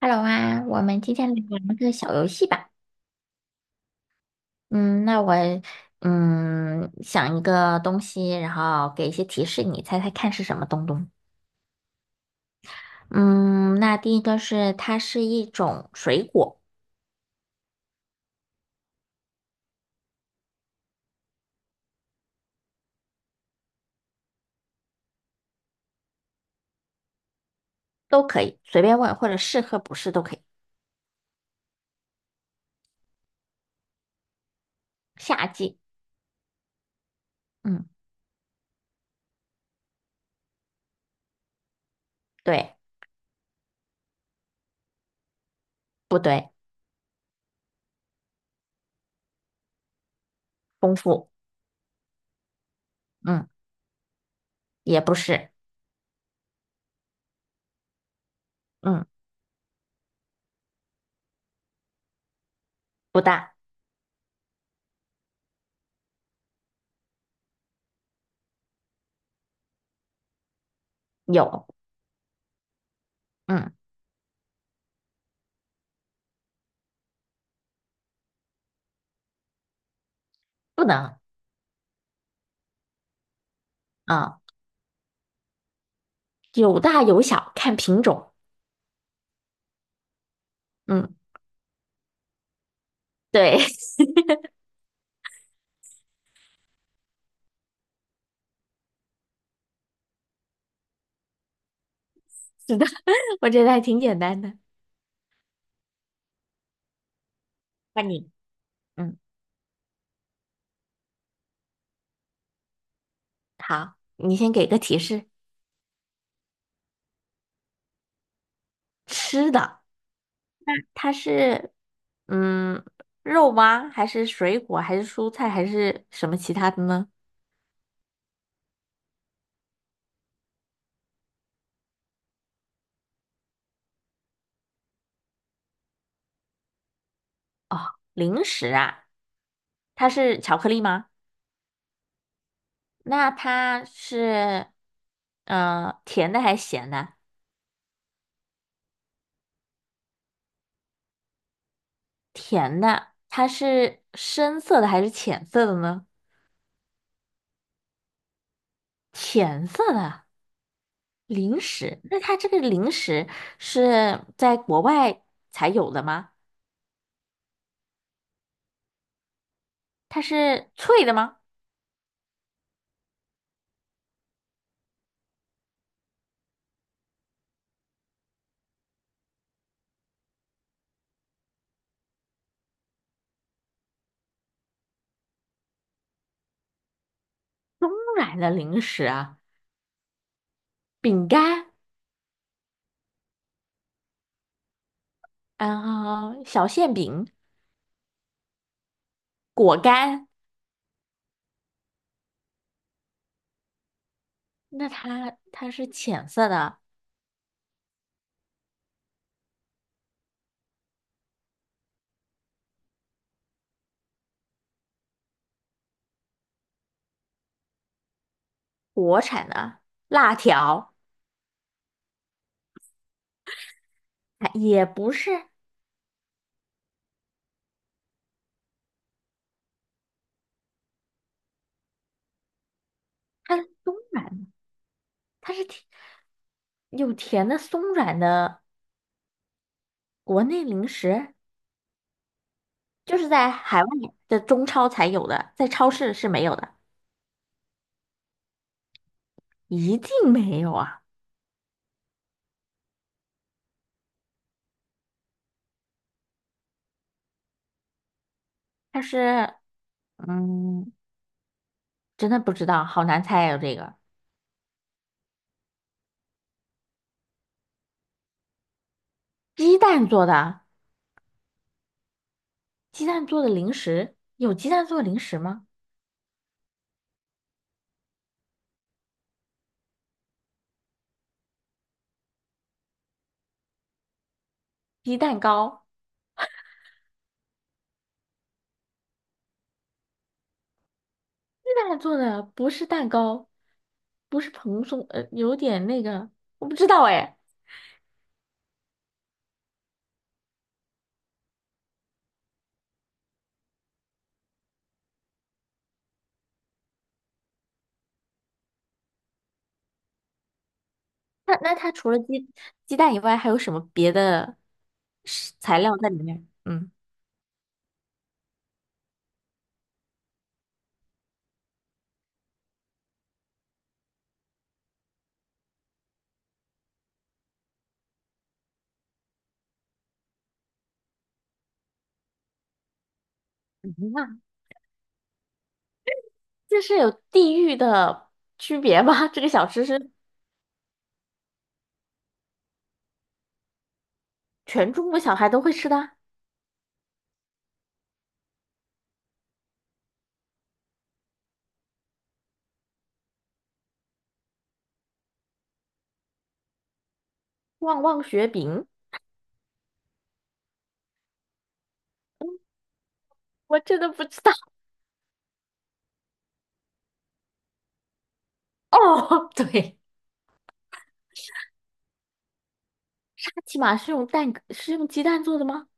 Hello 啊，我们今天来玩个小游戏吧。嗯，那我想一个东西，然后给一些提示，你猜猜看是什么东东？嗯，那第一个是它是一种水果，都可以随便问，或者是和不是都可以。夏季，嗯，对，不对？丰富，嗯，也不是，嗯，不大，有，嗯，不能，啊，有大有小，看品种，嗯，对，是的，我觉得还挺简单的。换你，嗯。好，你先给个提示，吃的，它是嗯肉吗？还是水果？还是蔬菜？还是什么其他的呢？零食啊，它是巧克力吗？那它是嗯，甜的还是咸的？甜的，它是深色的还是浅色的呢？浅色的零食，那它这个零食是在国外才有的吗？它是脆的吗？松软的零食啊。饼干，然后小馅饼、果干，那它是浅色的，国产的辣条，啊也不是，它是松软，它是甜有甜的松软的国内零食，就是在海外的中超才有的，在超市是没有的，一定没有啊！它是，嗯，真的不知道，好难猜啊，这个鸡蛋做的，鸡蛋做的零食，有鸡蛋做的零食吗？鸡蛋糕。那做的不是蛋糕，不是蓬松，有点那个，我不知道哎。那它除了鸡蛋以外，还有什么别的食材料在里面？嗯，那这是有地域的区别吧？这个小吃是全中国小孩都会吃的啊旺旺雪饼，我真的不知道。哦，对，沙琪玛是用蛋是用鸡蛋做的吗？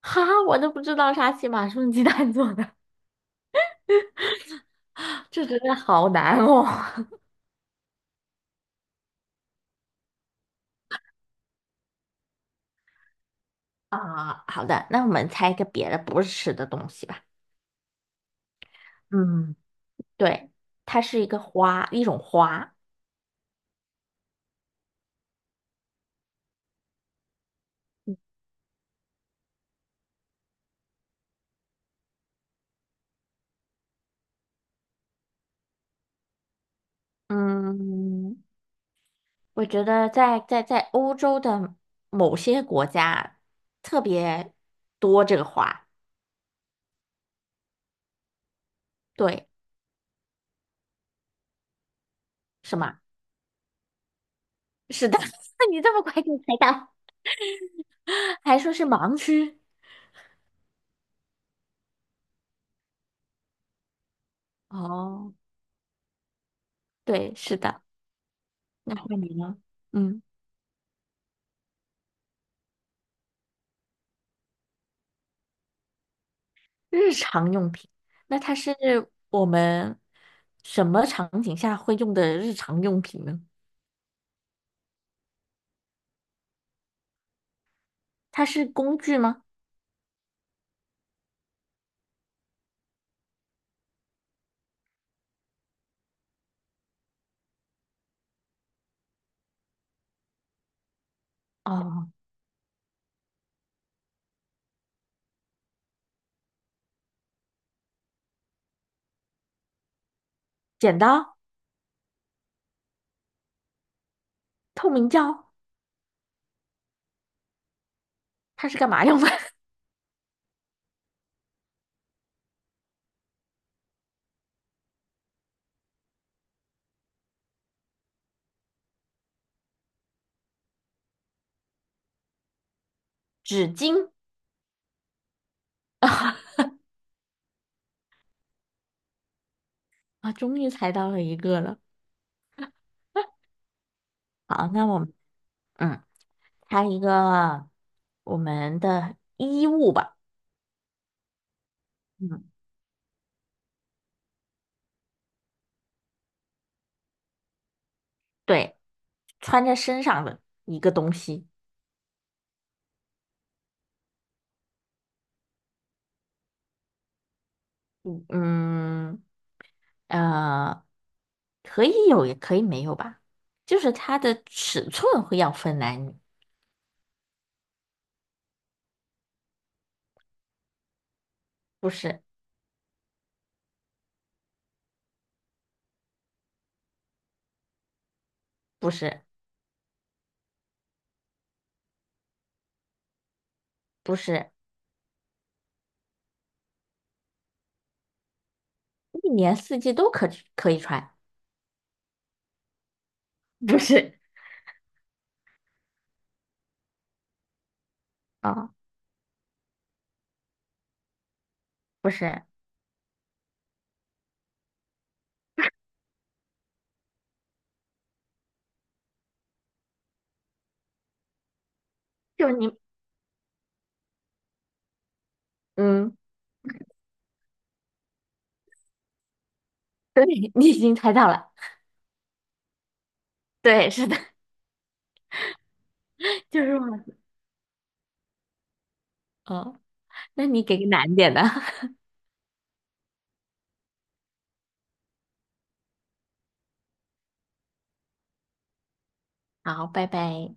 哈，我都不知道沙琪玛是用鸡蛋做的，这真的好难哦。啊，好的，那我们猜一个别的不是吃的东西吧。嗯对，它是一个花，一种花。嗯，我觉得在欧洲的某些国家特别多这个花。对，是吗？是的，那你这么快就猜到，还说是盲区。哦，对，是的。那换你呢？嗯，日常用品，那它是我们什么场景下会用的日常用品呢？它是工具吗？哦，剪刀、透明胶，它是干嘛用的？纸巾啊，终于猜到了一个了。好，那我们嗯，猜一个我们的衣物吧。嗯，对，穿在身上的一个东西。嗯嗯，呃，可以有，也可以没有吧。就是它的尺寸会要分男女，不是，不是，不是，一年四季都可以穿，不是。啊，不是，就你，嗯，对，你已经猜到了，对，是的，就是我，哦，那你给个难点的，好，拜拜。